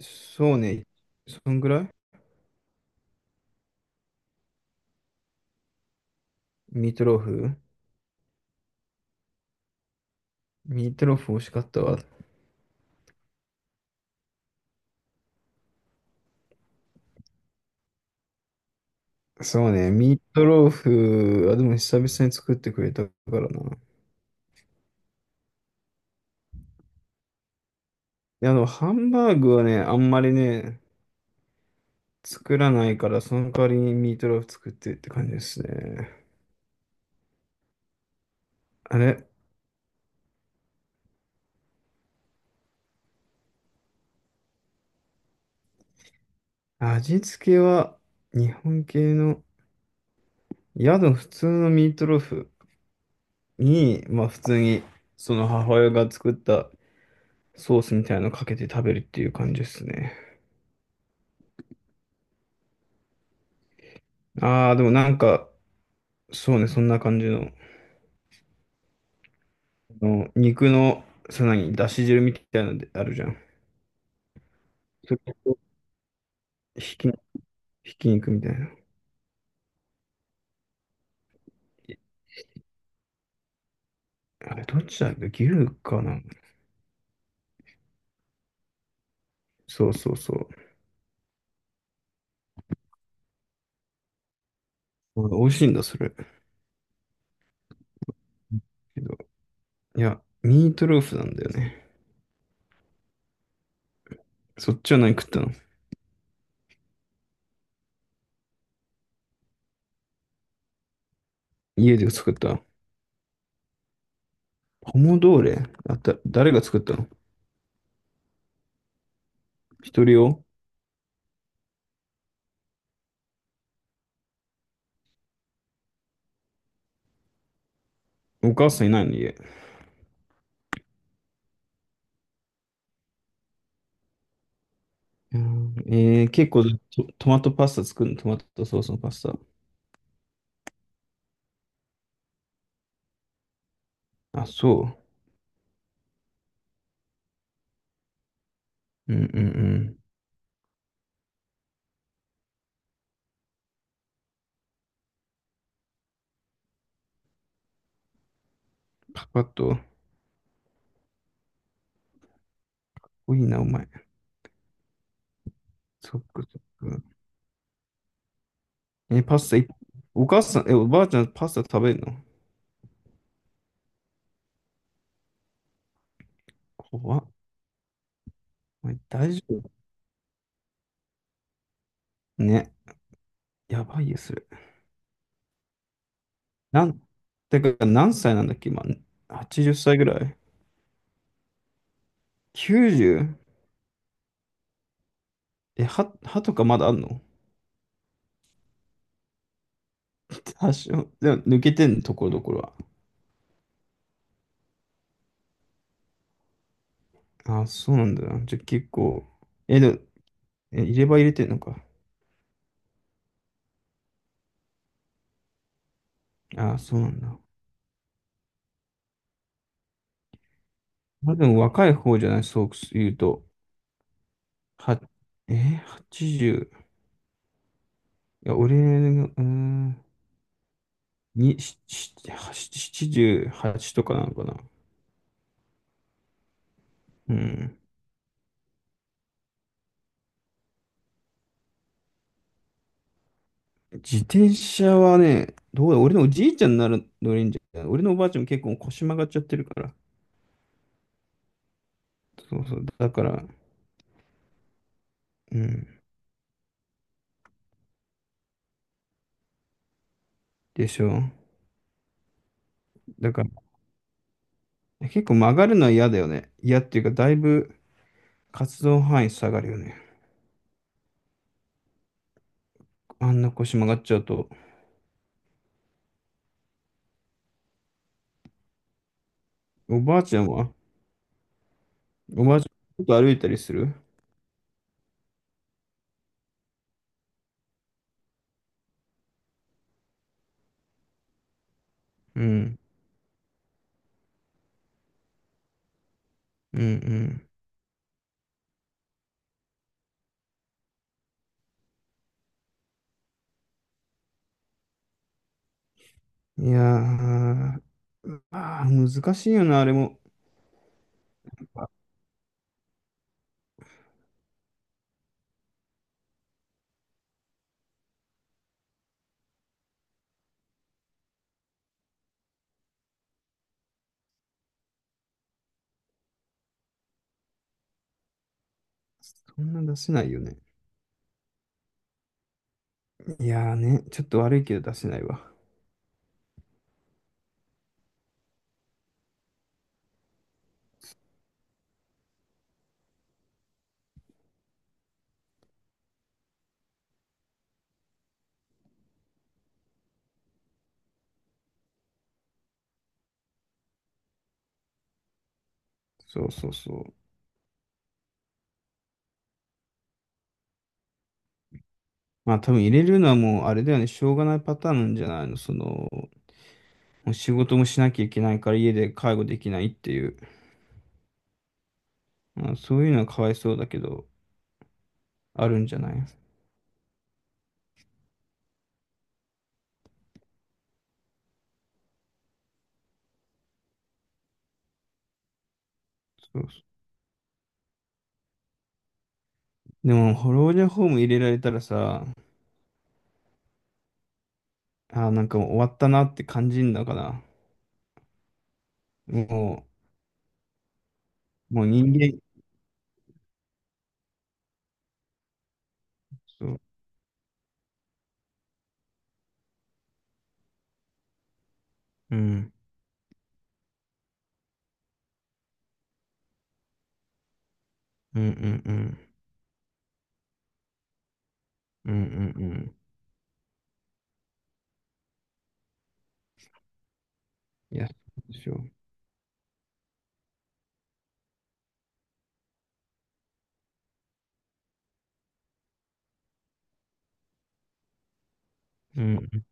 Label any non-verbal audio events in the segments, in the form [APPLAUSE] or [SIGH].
そうね。そんぐらい。ミートローフ。ミートローフ美味しかったわ。そうね。ミートローフ、あ、でも久々に作ってくれたからな。いや、ハンバーグはね、あんまりね、作らないから、その代わりにミートローフ作ってって感じですね。あれ。味付けは、日本系の、宿の普通のミートローフに、まあ普通に、その母親が作ったソースみたいなのかけて食べるっていう感じですね。ああ、でもなんか、そうね、そんな感じの、あの肉の、さらに、だし汁みたいなのであるじゃん。それと、ひき、ひき肉みたいな。えあれ、どっちだっけ、牛かな。そうそうそう。あ、美味しいんだ、それ。けど、いや、ミートローフなんだよね。そっちは何食ったの？家で作った？ポモドーレ。誰が作ったの？一人用？お母さんいないの、家。うん。結構、トマトパスタ作るの？トマトソースのパスタ。あ、そう。うんうんうん。パパッと。多いな、お前。そっかそっか。え、パスタい、お母さん、おばあちゃん、パスタ食べるの？怖っ。お前大丈夫？ね、やばいよ、それ。なん、てか、何歳なんだっけ、今。80歳ぐらい？ 90？ え、歯とかまだあんの？ [LAUGHS] 多少。でも、抜けてんの、ところどころは？ああ、そうなんだな。じゃあ、結構。え、でも、入れ歯入れてんのか。ああ、そうなんだ。まあ、でも、若い方じゃない、そう言うと。は、えー、80。いや、俺が、うーん、に、78とかなのかな。うん。自転車はね、どうだ、俺のおじいちゃんになる乗れんじゃん。俺のおばあちゃんも結構腰曲がっちゃってるから。そうそう。だから、うん。でしょ。だから、結構曲がるのは嫌だよね。嫌っていうか、だいぶ活動範囲下がるよね。あんな腰曲がっちゃうと。おばあちゃんは？おばあちゃん、ちょっと歩いたりする？うん。うんうん。いやー、あー、難しいよな、あれも。そんな出せないよね。いやーね、ちょっと悪いけど出せないわ。そうそうそう。まあ多分入れるのはもうあれだよね、しょうがないパターンなんじゃないの。もう仕事もしなきゃいけないから家で介護できないっていう。まあ、そういうのはかわいそうだけど、あるんじゃない？そうそう。でも、老人ホーム入れられたらさ、あー、なんかもう終わったなって感じんだから。ももう人間、そう。うん、うんうんうん。うんうんうん。いや、そうでしょう。うん。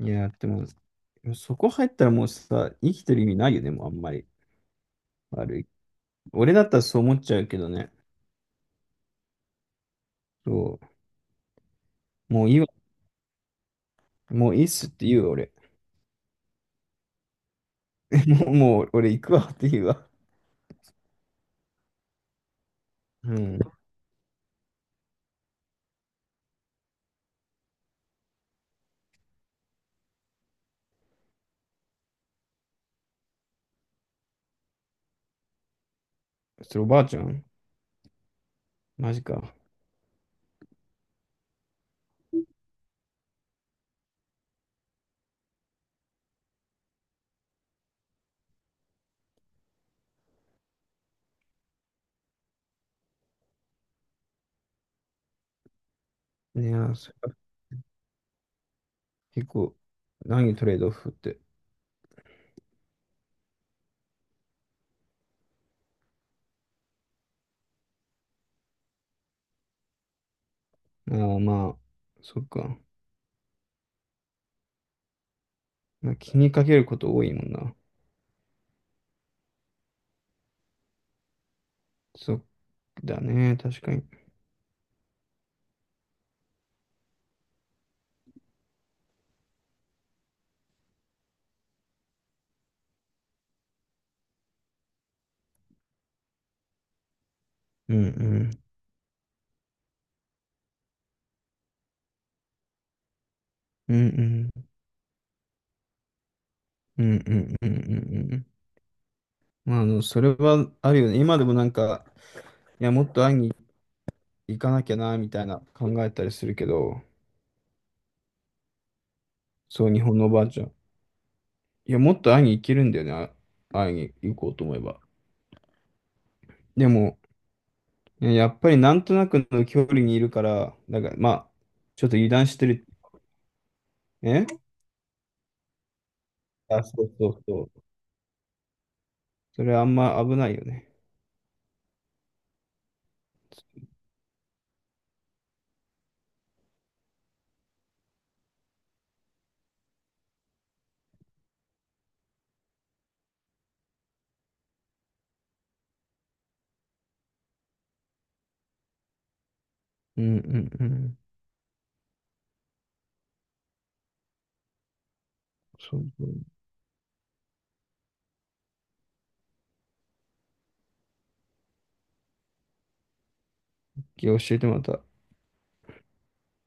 いや、でもそこ入ったらもうさ、生きてる意味ないよね、もうあんまり。悪い。俺だったらそう思っちゃうけどね。そう。もういいわ。もういいっすって言うわ、俺。[LAUGHS] もう俺行くわって言うわ。うん。それおばあちゃん？マジか。いやー、それか結構、何トレードオフって？ああ、まあ、そっか。まあ、気にかけること多いもんな。そっだね、確かに。うんうん。うんうん。うんうんうんうんうん。まあ、それはあるよね。今でもなんか、いや、もっと会いに行かなきゃな、みたいな考えたりするけど、そう、日本のおばあちゃん。いや、もっと会いに行けるんだよね。あ、会いに行こうと思えば。でも、ね、やっぱりなんとなくの距離にいるから、だから、まあ、ちょっと油断してる。えあ、そうそうそう。それあんま危ないよね。うんうんうん。そうそう。教えてまた。